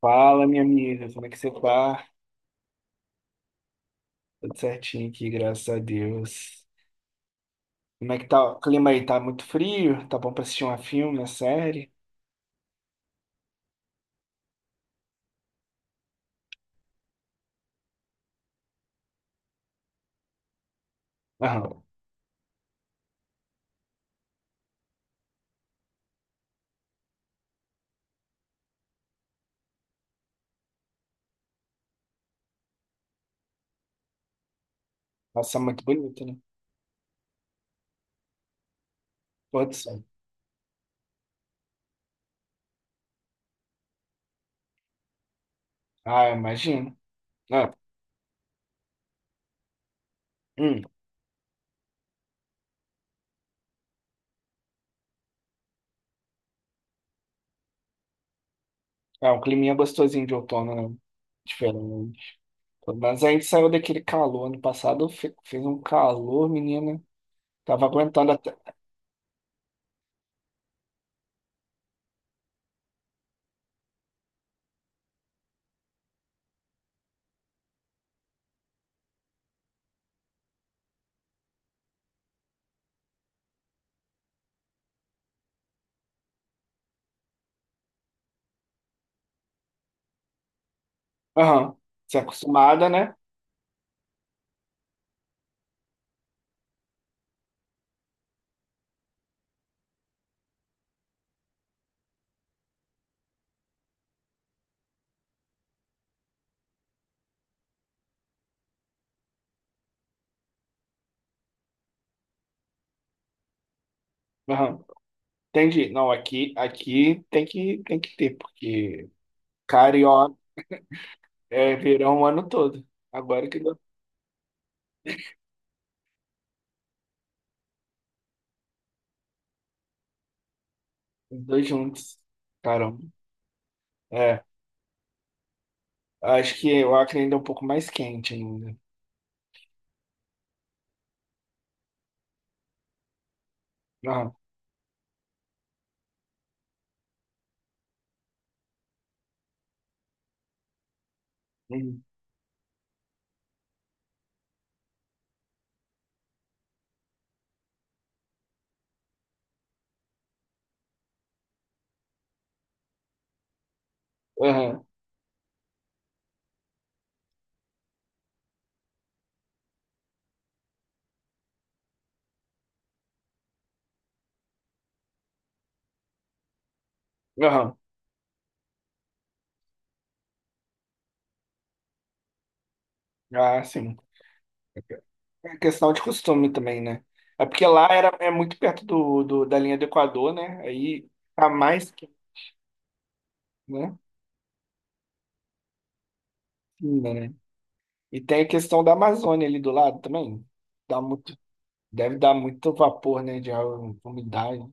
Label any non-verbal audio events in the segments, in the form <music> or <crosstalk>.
Fala, minha amiga, como é que você tá? Tudo certinho aqui, graças a Deus. Como é que tá o clima aí? Tá muito frio? Tá bom pra assistir um filme, uma série? Aham. Nossa, muito bonito, né? Pôr do sol. Ah, eu imagino. Ah, hum. É um climinha gostosinho de outono, né? Diferente. Mas a gente saiu daquele calor. Ano passado fez um calor, menina. Tava aguentando até. Aham. Você é acostumada, né? Aham. Entendi. Não, aqui, aqui tem que ter, porque carioca é verão o ano todo. Agora que deu os dois juntos. Caramba. É. Acho que o Acre ainda é um pouco mais quente ainda. Aham. Uhum. Aham. Aham. Ah, sim. É questão de costume também, né? É porque lá era, é muito perto do, da linha do Equador, né? Aí tá mais quente, né? Ainda, né? E tem a questão da Amazônia ali do lado também. Dá muito, deve dar muito vapor, né? De umidade.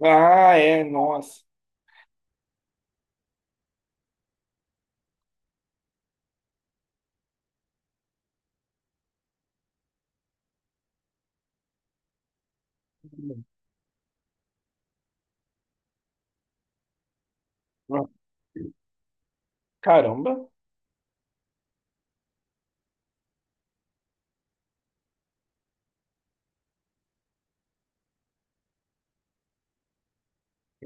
Ah, é, nossa. Ah, caramba.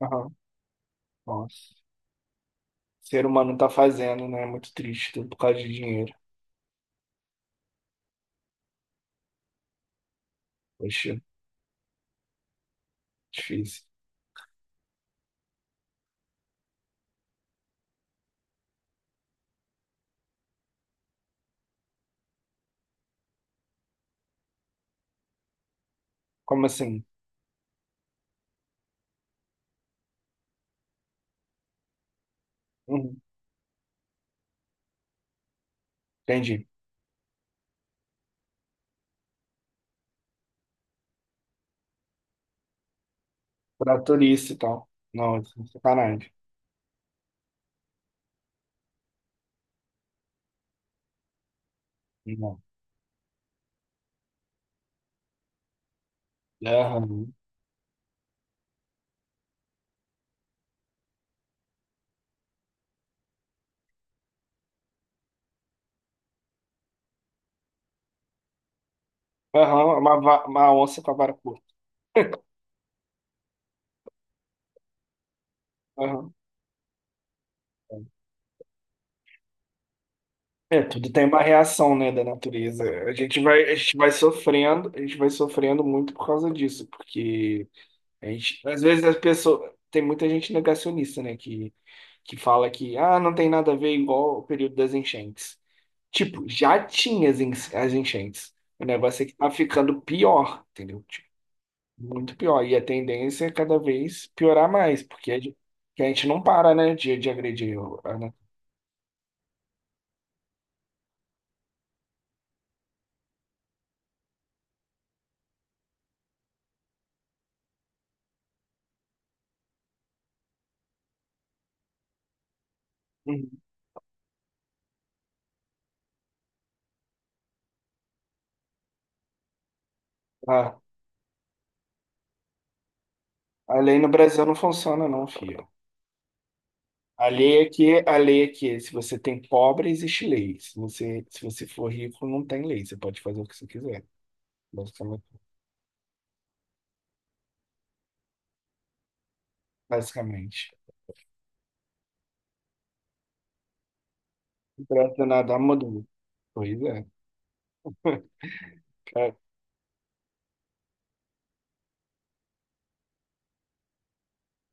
Aham. Nossa. O ser humano tá fazendo, né? É muito triste, tudo por causa de dinheiro. Poxa, difícil. Como assim? Uhum. Entendi. Pra turista e tal. Não, isso é sacanagem. Não. Aham. Aham, é uma, uma onça com a vara curta. Aham. É, tudo tem uma reação, né, da natureza. A gente vai sofrendo, a gente vai sofrendo muito por causa disso, porque a gente, às vezes as pessoas, tem muita gente negacionista, né, que fala que ah, não tem nada a ver igual o período das enchentes. Tipo, já tinha as as enchentes. O negócio é que tá ficando pior, entendeu? Tipo, muito pior. E a tendência é cada vez piorar mais, porque a gente, que a gente não para, né, de agredir. A, né? Uhum. a, a lei no Brasil não funciona, não, filho. A lei é que, a lei é que se você tem pobre, existe lei. Se você, se você for rico, não tem lei. Você pode fazer o que você quiser, basicamente. Basicamente. Não presta nada mudou. Pois é. Cara,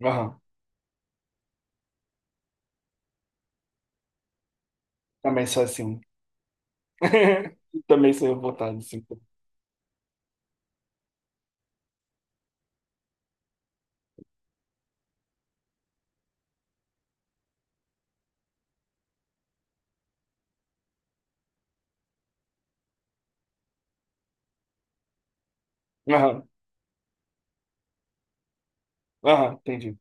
aham, também sou assim. <laughs> Também sou revoltado, assim. Aham, aham, entendi.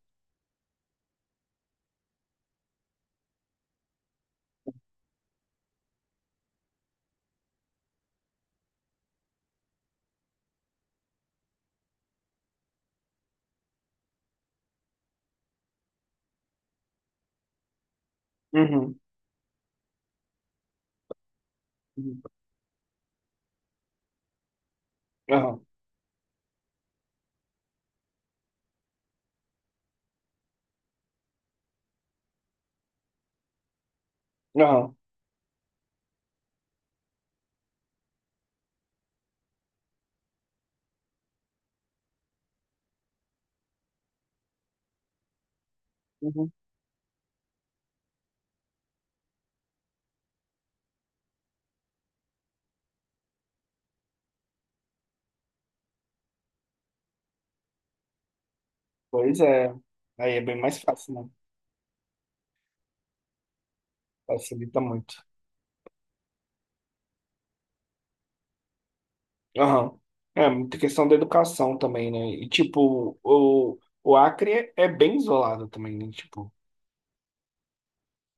Uhum, uhum, aham, aham, uhum. Pois é, aí é bem mais fácil, né? Facilita muito. Aham. É, muita questão da educação também, né? E, tipo, o Acre é bem isolado também, né? Tipo,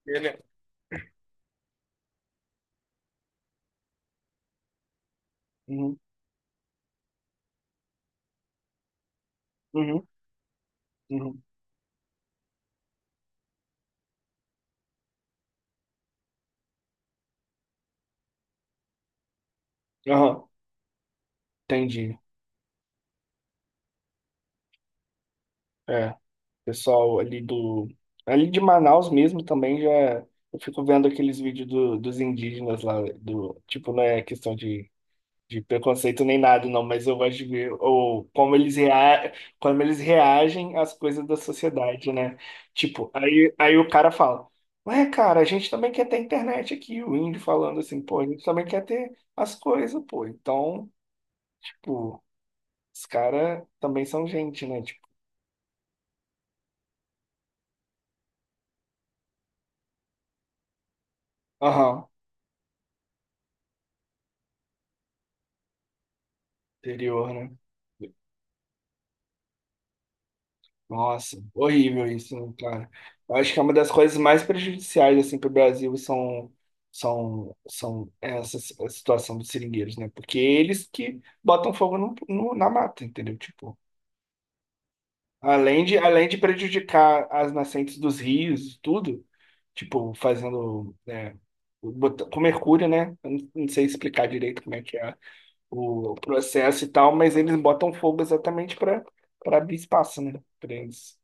ele é... Uhum, uhum, uhum. Aham, entendi. É. Pessoal ali do. Ali de Manaus mesmo também já. Eu fico vendo aqueles vídeos dos indígenas lá, do, tipo, não é questão de preconceito nem nada, não, mas eu gosto de ver ou, como eles, como eles reagem às coisas da sociedade, né? Tipo, aí, aí o cara fala, ué, cara, a gente também quer ter internet aqui, o índio falando assim, pô, a gente também quer ter as coisas, pô. Então, tipo, os caras também são gente, né? Tipo, aham, interior, né? Nossa, horrível isso, né, cara? Eu acho que é uma das coisas mais prejudiciais assim para o Brasil são são essa a situação dos seringueiros, né? Porque eles que botam fogo no, na mata, entendeu? Tipo, além de prejudicar as nascentes dos rios, e tudo, tipo, fazendo né, com mercúrio, né? Eu não sei explicar direito como é que é o processo e tal, mas eles botam fogo exatamente para para abrir espaço, né? Para eles.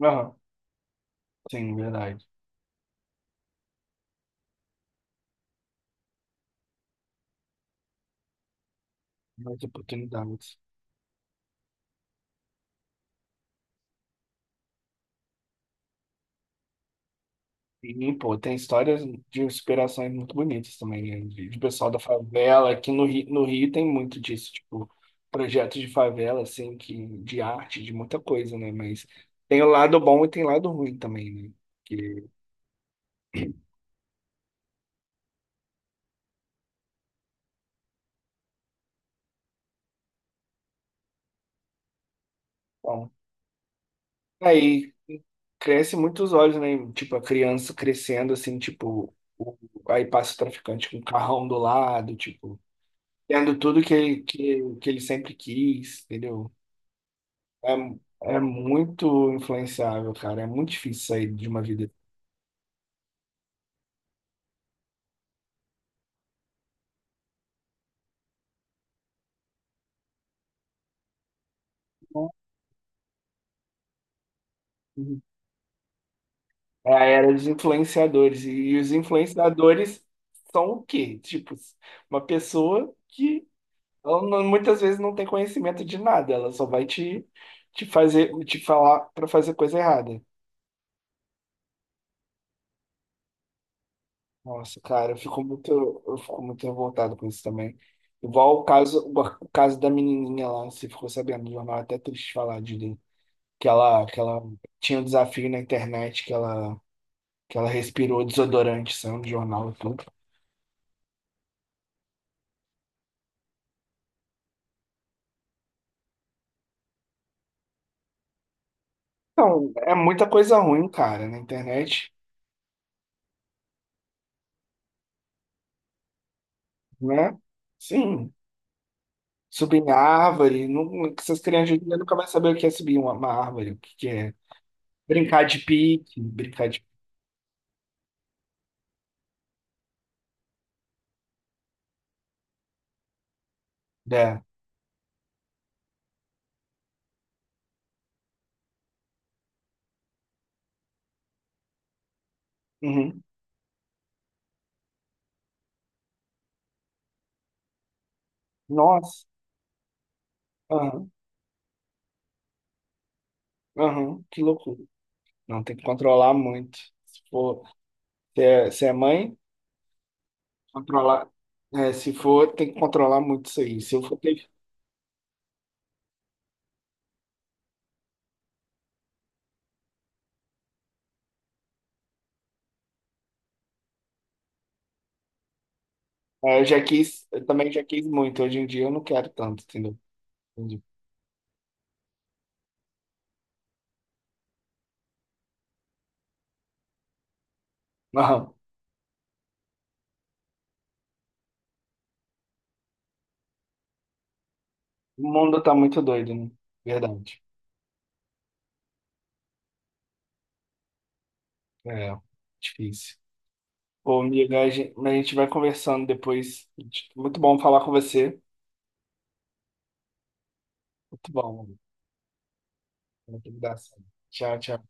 Aham. Sim, verdade. Muitas oportunidades. E, pô, tem histórias de inspirações muito bonitas também, né? De pessoal da favela. Aqui no Rio, no Rio tem muito disso, tipo, projetos de favela, assim, que, de arte, de muita coisa, né? Mas tem o lado bom e tem o lado ruim também, né? Que, bom, aí cresce muito os olhos, né? Tipo, a criança crescendo, assim, tipo, aí passa o traficante com o carrão do lado, tipo, tendo tudo que ele sempre quis, entendeu? É, é muito influenciável, cara. É muito difícil sair de uma vida. Assim. Uhum. É a era dos influenciadores. E os influenciadores são o quê? Tipo, uma pessoa que ela não- muitas vezes não tem conhecimento de nada. Ela só vai te, te fazer, te falar pra fazer coisa errada. Nossa, cara, eu fico muito revoltado com isso também. Igual o caso da menininha lá, você ficou sabendo no jornal, é até triste falar de que ela tinha um desafio na internet, que ela respirou desodorante, saiu no jornal e tudo. Então, é muita coisa ruim, cara, na internet, né? Sim, subir em árvore, não, essas crianças hoje em dia nunca vai saber o que é subir uma árvore, o que que é brincar de pique, brincar de... É. Uhum. Nossa, aham, aham, que loucura. Não, tem que controlar muito. Se for, se é, se é mãe, controlar... É, se for, tem que controlar muito isso aí. Se eu for ter É, eu já quis, eu também já quis muito. Hoje em dia eu não quero tanto, entendeu? Entendi. <laughs> Não, o mundo tá muito doido, né? Verdade. É, difícil. Pô, amiga, a gente vai conversando depois. Muito bom falar com você. Muito bom. Amigo. Muito engraçado. Tchau, tchau.